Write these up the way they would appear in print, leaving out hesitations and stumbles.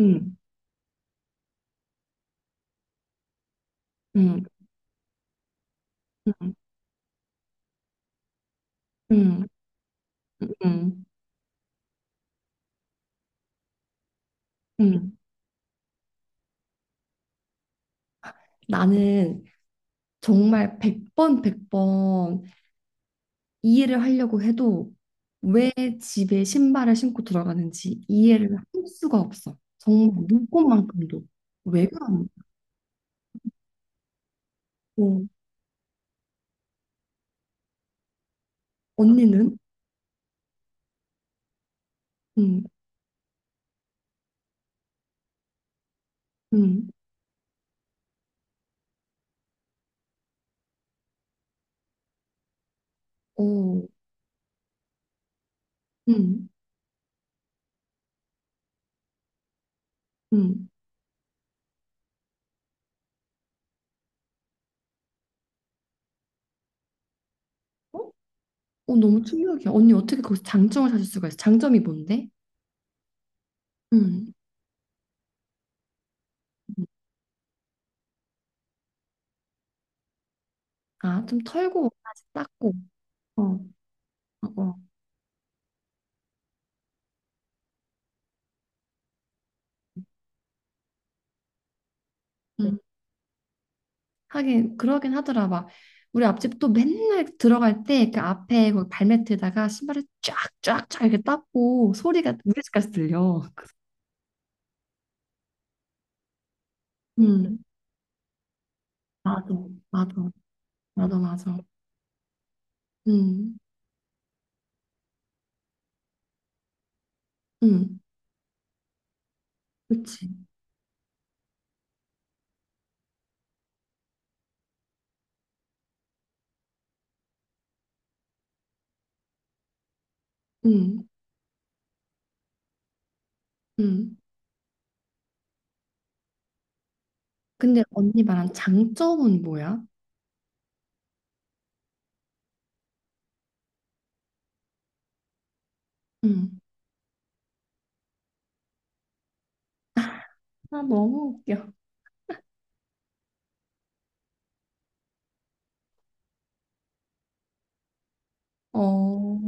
음, 음, 음, 음, 음, 음. 음, 음, 음. 나는 정말 백번 백번 이해를 하려고 해도 왜 집에 신발을 신고 들어가는지 이해를 할 수가 없어. 정말 눈꽃만큼도. 왜 그러니? 어, 언니는? 음, 음, 어, 음, 음. 어? 어, 너무 충격이야. 언니 어떻게 거기서 장점을 찾을 수가 있어? 장점이 뭔데? 음, 음. 아, 좀 털고, 다시 닦고. 어, 어, 어. 하긴 그러긴 하더라. 막 우리 앞집도 맨날 들어갈 때 그 앞에 거기 발매트에다가 신발을 쫙쫙쫙 이렇게 닦고 소리가 우리 집까지 들려. 음, 맞아, 맞아, 맞아, 맞아. 음, 음, 그치. 음, 음. 근데 언니 말한 장점은 뭐야? 음. 아, 너무 웃겨. 어, 어.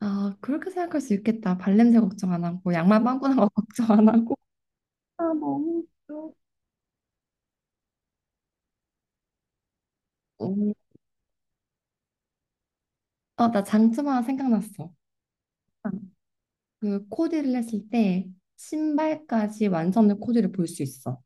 아, 그렇게 생각할 수 있겠다. 발냄새 걱정 안 하고, 양말 빵꾸난 거 걱정 안 하고. 아, 너무 웃겨. 어, 나 장점 하나 생각났어. 어. 그 코디를 했을 때 신발까지 완성된 코디를 볼 수 있어.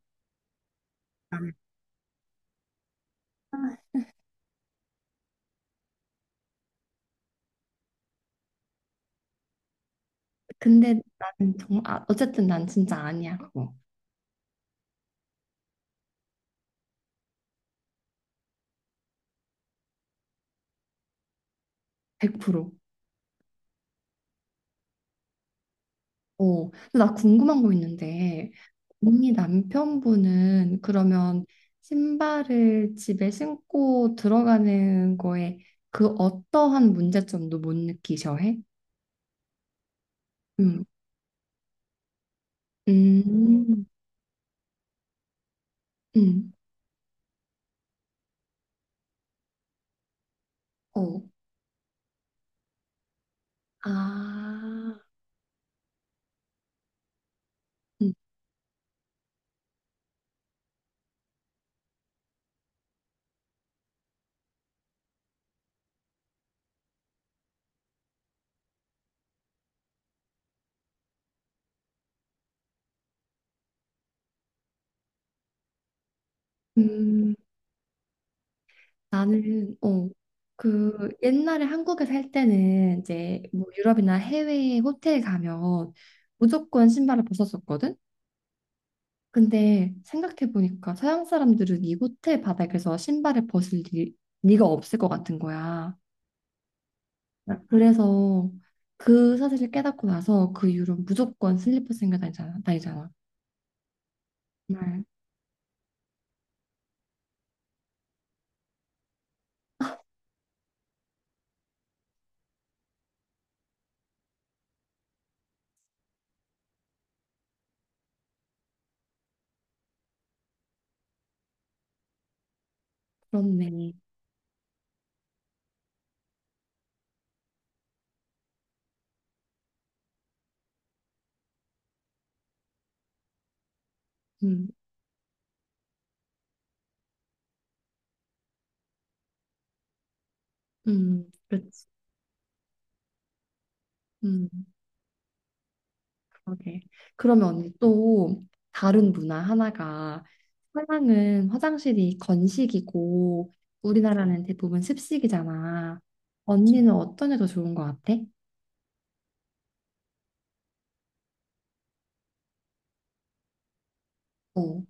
근데 나는 정말 아, 어쨌든 난 진짜 아니야 그거 100%. 어. 근데 나 궁금한 거 있는데 언니 남편분은 그러면 신발을 집에 신고 들어가는 거에 그 어떠한 문제점도 못 느끼셔 해? 음. 음. 음. 어. 아. 음. 음. 나는 어, 그 옛날에 한국에 살 때는 이제 뭐 유럽이나 해외 호텔 가면 무조건 신발을 벗었었거든. 근데 생각해 보니까 서양 사람들은 이 호텔 바닥에서 신발을 벗을 리, 가 없을 것 같은 거야. 그래서 그 사실을 깨닫고 나서 그 이후로 무조건 슬리퍼 신고 다니잖아. 정말 그렇네. 음, 그렇지. 음. 그러게. 그러면 언니 또 다른 문화 하나가 서양은 화장실이 건식이고 우리나라는 대부분 습식이잖아. 언니는 어떤 게 더 좋은 것 같아? 어,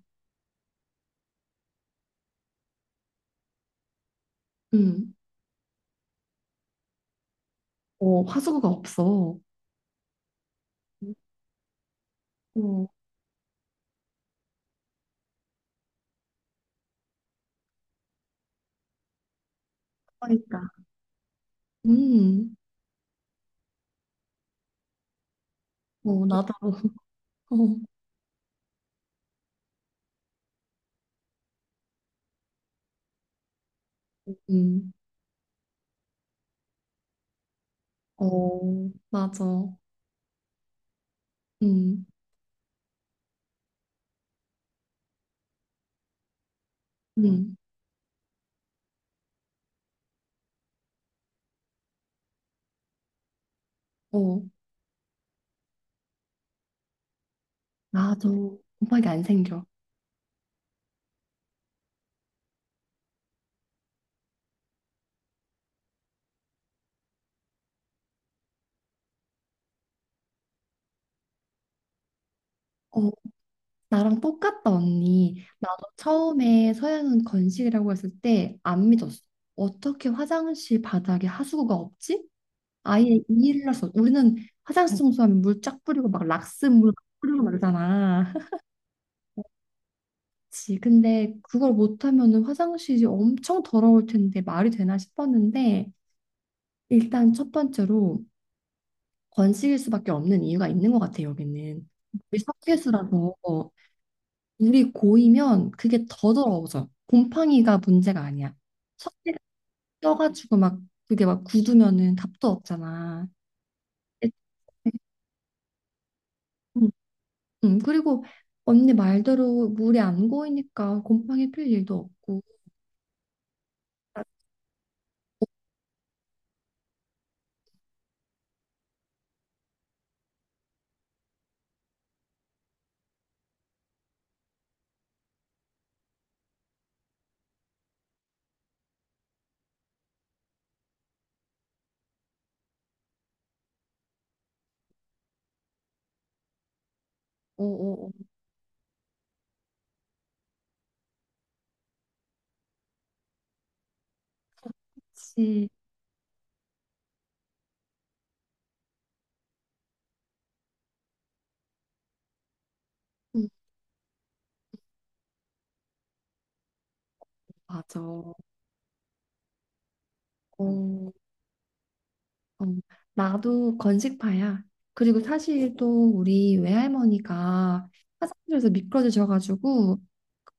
음, 어, 화수구가 없어. 어, 그러니까. 음, 어, 나도. 어, 음, 어, 맞아. 음, 음, 어, 나도 곰팡이 안 생겨. 어. 나랑 똑같다, 언니. 나도 처음에 서연은 건식이라고 했을 때 안 믿었어. 어떻게 화장실 바닥에 하수구가 없지? 아예 이 일을 어 우리는 화장실 청소하면 물 쫙 뿌리고 막 락스 물막 뿌리고 말잖아. 그치. 근데 그걸 못하면은 화장실이 엄청 더러울 텐데 말이 되나 싶었는데 일단 첫 번째로 건식일 수밖에 없는 이유가 있는 것 같아, 여기는. 우리 석회수라서. 물이 고이면 그게 더 더러워져. 곰팡이가 문제가 아니야. 석쇠가 껴가지고 막 그게 막 굳으면은 답도 없잖아. 애초에. 음, 그리고 언니 말대로 물이 안 고이니까 곰팡이 필 일도 없고. 어어어. 그치. 음, 맞아. 어, 어. 나도 건식파야. 그리고 사실 또 우리 외할머니가 화장실에서 미끄러지셔가지고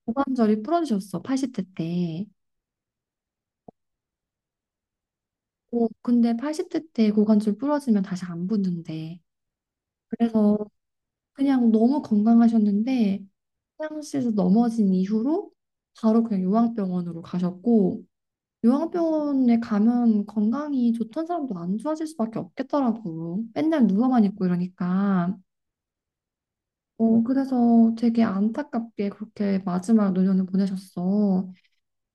고관절이 부러지셨어. 80대 때. 어, 근데 80대 때 고관절 부러지면 다시 안 붙는데. 그래서 그냥 너무 건강하셨는데 화장실에서 넘어진 이후로 바로 그냥 요양병원으로 가셨고 요양병원에 가면 건강이 좋던 사람도 안 좋아질 수밖에 없겠더라고. 맨날 누워만 있고 이러니까. 어, 그래서 되게 안타깝게 그렇게 마지막 노년을 보내셨어.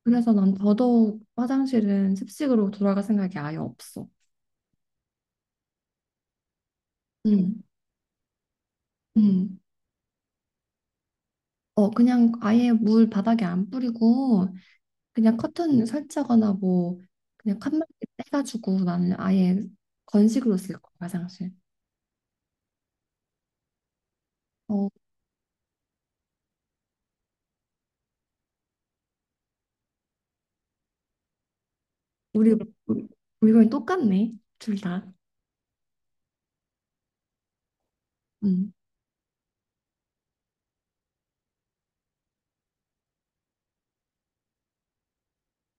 그래서 난 더더욱 화장실은 습식으로 돌아갈 생각이 아예 없어. 응, 응. 어, 그냥 아예 물 바닥에 안 뿌리고 그냥 커튼 설치거나 뭐 그냥 칸막이 떼가지고 나는 아예 건식으로 쓸 거야, 화장실. 어, 우리 우리 의견이 똑같네, 둘 다. 음.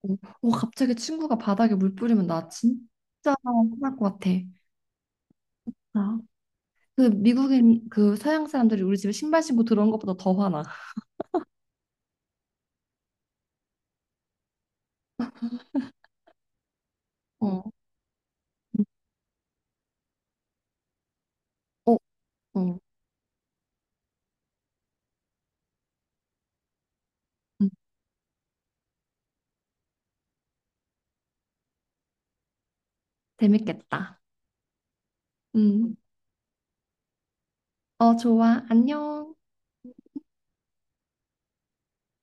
어, 어, 갑자기 친구가 바닥에 물 뿌리면 나 진짜 화날 것 같아. 아, 그 미국인 그 서양 사람들이 우리 집에 신발 신고 들어온 것보다 더 화나. 어, 응. 어, 어, 음, 재밌겠다. 음, 어, 좋아, 안녕.